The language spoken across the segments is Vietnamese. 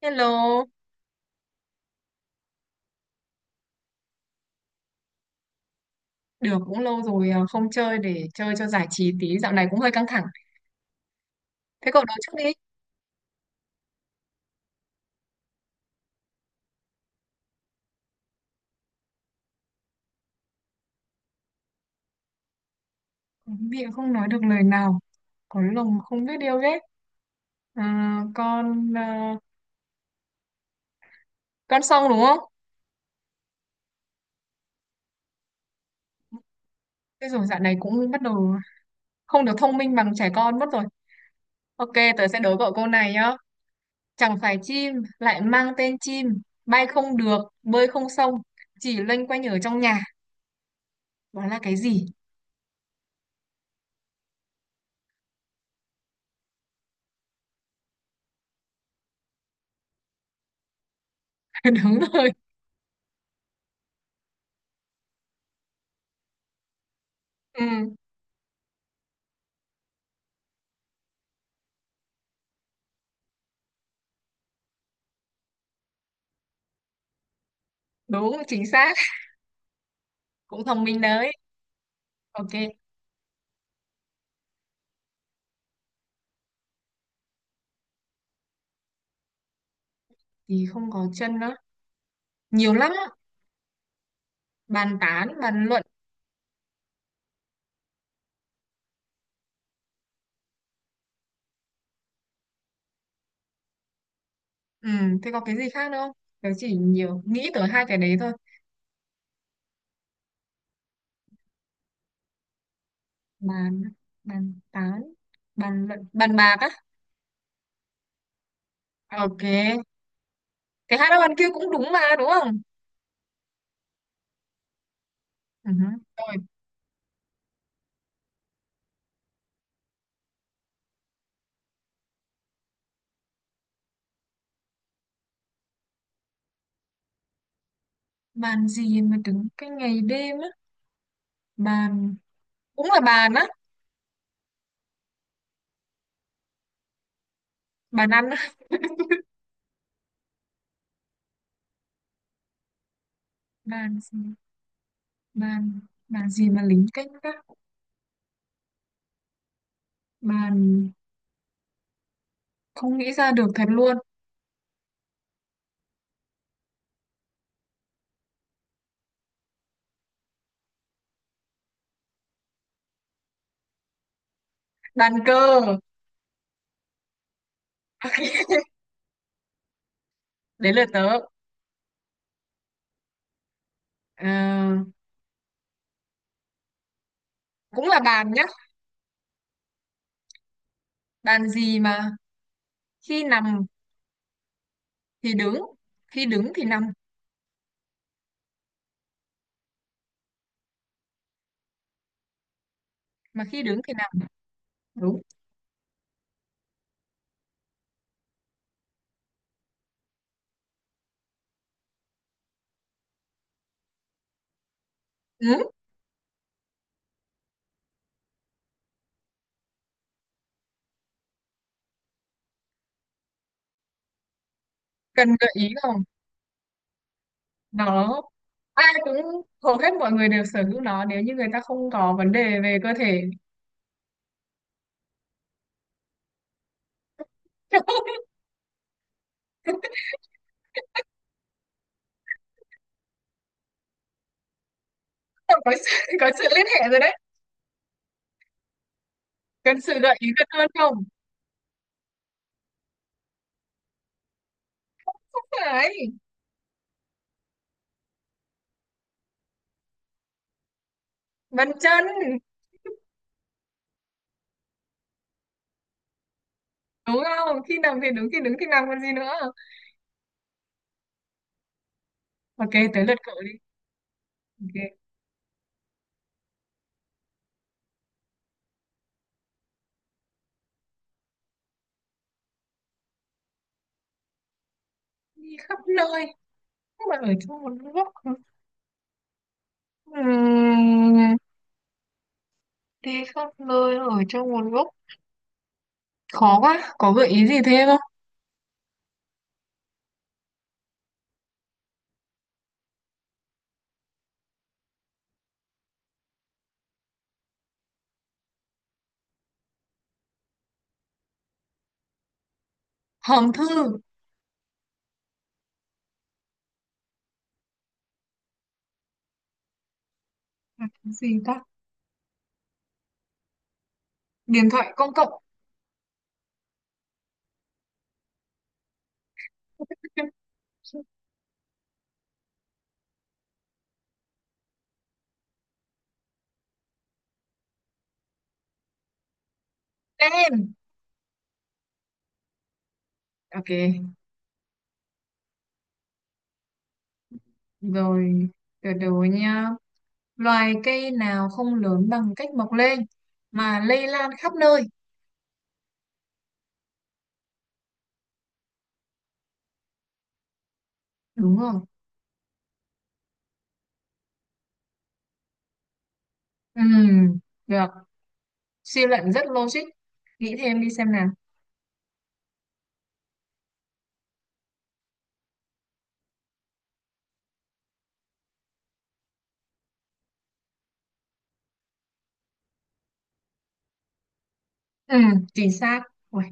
Hello, được cũng lâu rồi à, không chơi để chơi cho giải trí tí, dạo này cũng hơi căng thẳng. Thế cậu nói trước đi. Miệng không nói được lời nào, có lòng không biết điều ghét. À, con xong đúng không? Thế rồi dạo này cũng bắt đầu không được thông minh bằng trẻ con mất rồi. Ok, tớ sẽ đố cậu câu này nhá. Chẳng phải chim, lại mang tên chim, bay không được, bơi không xong, chỉ loanh quanh ở trong nhà. Đó là cái gì? Đúng rồi. Ừ, đúng, chính xác. Cũng thông minh đấy. Ok. Thì không có chân á, nhiều lắm á. Bàn tán, bàn luận. Ừ, thế có cái gì khác nữa không? Tớ chỉ nhiều nghĩ tới hai cái đấy thôi. Bàn, bàn tán, bàn luận, bàn bạc á. Ok, cái hát bàn kia cũng đúng mà, đúng không? Ừ. Rồi, bàn gì mà đứng cái ngày đêm á? Bàn, cũng là bàn á. Bàn ăn á. Bàn gì? Bàn bàn gì mà lính canh gác? Bàn, không nghĩ ra được thật luôn. Bàn cờ. Đấy là tớ. Ờ, cũng là bàn nhá. Bàn gì mà khi nằm thì đứng, khi đứng thì nằm, mà khi đứng thì nằm, đúng. Ừ. Cần gợi ý không? Nó, ai cũng, hầu hết mọi người đều sở hữu nó nếu như người ta không có vấn đề về cơ thể. Có sự, có sự liên hệ rồi đấy. Cần sự gợi ý gần hơn không? Đấy, bàn chân. Đúng không, khi nằm thì đứng, khi đứng thì nằm, còn gì nữa. Ok, tới lượt cậu đi. Ok, đi khắp nơi nhưng mà ở trong một góc. Ừm, Đi khắp nơi ở trong một góc, khó quá, có gợi ý gì thêm không? Hòm thư. Là cái gì ta? Điện thoại công cộng. Tên ok, rồi, từ từ nha, loài cây nào không lớn bằng cách mọc lên mà lây lan khắp nơi? Đúng rồi. Ừ, được, suy luận rất logic, nghĩ thêm đi xem nào. Ừ, chính xác. Ui,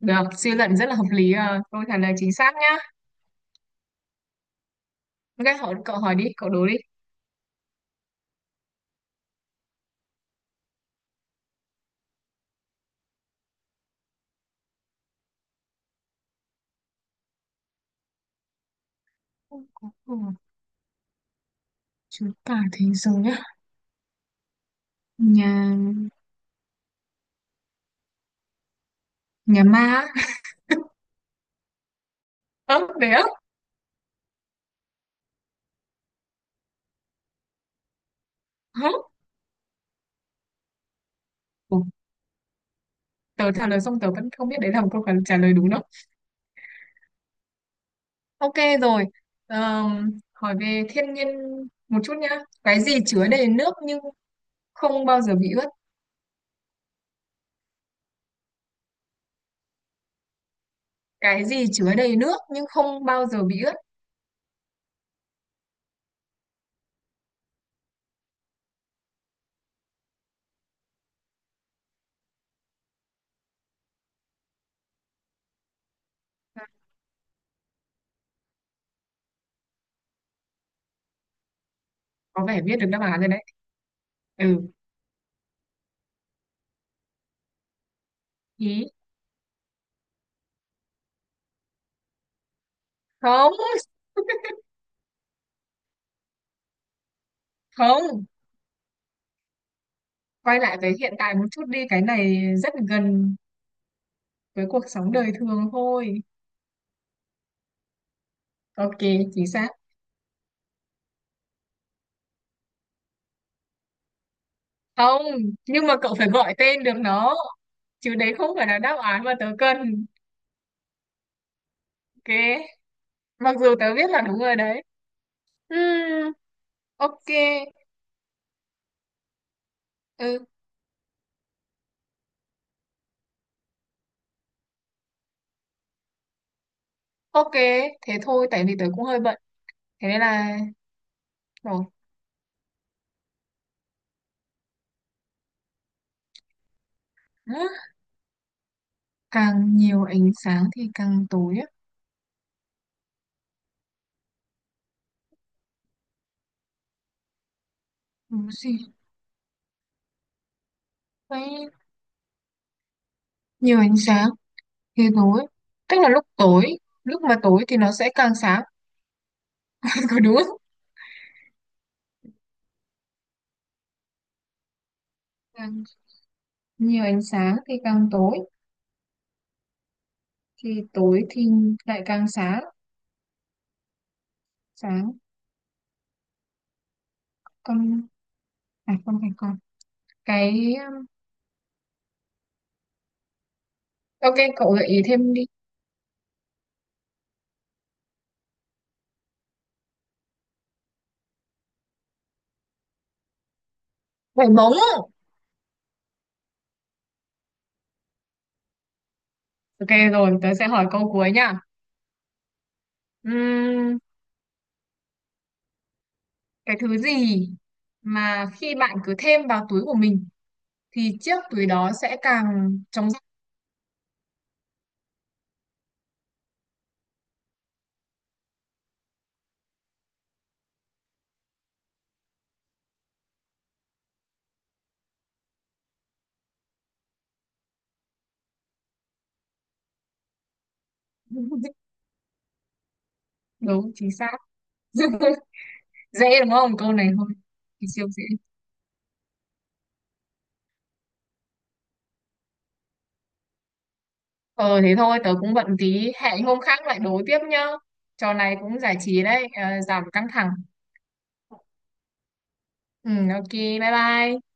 được, suy luận rất là hợp lý à. Câu trả lời chính xác nhá. Ok, hỏi cậu, hỏi đi cậu, đố đi. Không có của Chúa cả thế giới á. Nhà, nhà ma á. Không đấy á? Hả? Ủa, tớ trả lời xong tớ vẫn không biết đấy là một câu trả lời đúng đâu. Ok, rồi. Hỏi về thiên nhiên một chút nhá. Cái gì chứa đầy nước nhưng không bao giờ bị ướt? Cái gì chứa đầy nước nhưng không bao giờ bị ướt? À, có vẻ biết được đáp án rồi đấy. Ừ, ý, không, không, quay lại với hiện tại một chút đi, cái này rất gần với cuộc sống đời thường thôi. Ok, chính xác. Không, nhưng mà cậu phải gọi tên được nó, chứ đấy không phải là đáp án mà tớ cần. Ok, mặc dù tớ biết là đúng rồi đấy. Ừm, ok. Ừ, ok, thế thôi tại vì tớ cũng hơi bận, thế nên là, rồi. Hả? Càng nhiều ánh sáng thì càng tối á? Đúng gì. Đấy, nhiều ánh sáng thì tối, tức là lúc tối, lúc mà tối thì nó sẽ càng sáng. Có đúng không? Càng nhiều ánh sáng thì càng tối, thì tối thì lại càng sáng, sáng, còn, phải không, phải con, cái ok cậu gợi ý thêm đi. Vải móng. Ok, rồi tớ sẽ hỏi câu cuối nha. Ừm, cái thứ gì mà khi bạn cứ thêm vào túi của mình thì chiếc túi đó sẽ càng trống rỗng? Đúng, chính xác. Dễ đúng không câu này, thôi thì siêu dễ. Ờ thế thôi, tớ cũng bận tí, hẹn hôm khác lại đối tiếp nhá. Trò này cũng giải trí đấy, ờ, giảm căng thẳng. Ừ, ok, bye bye.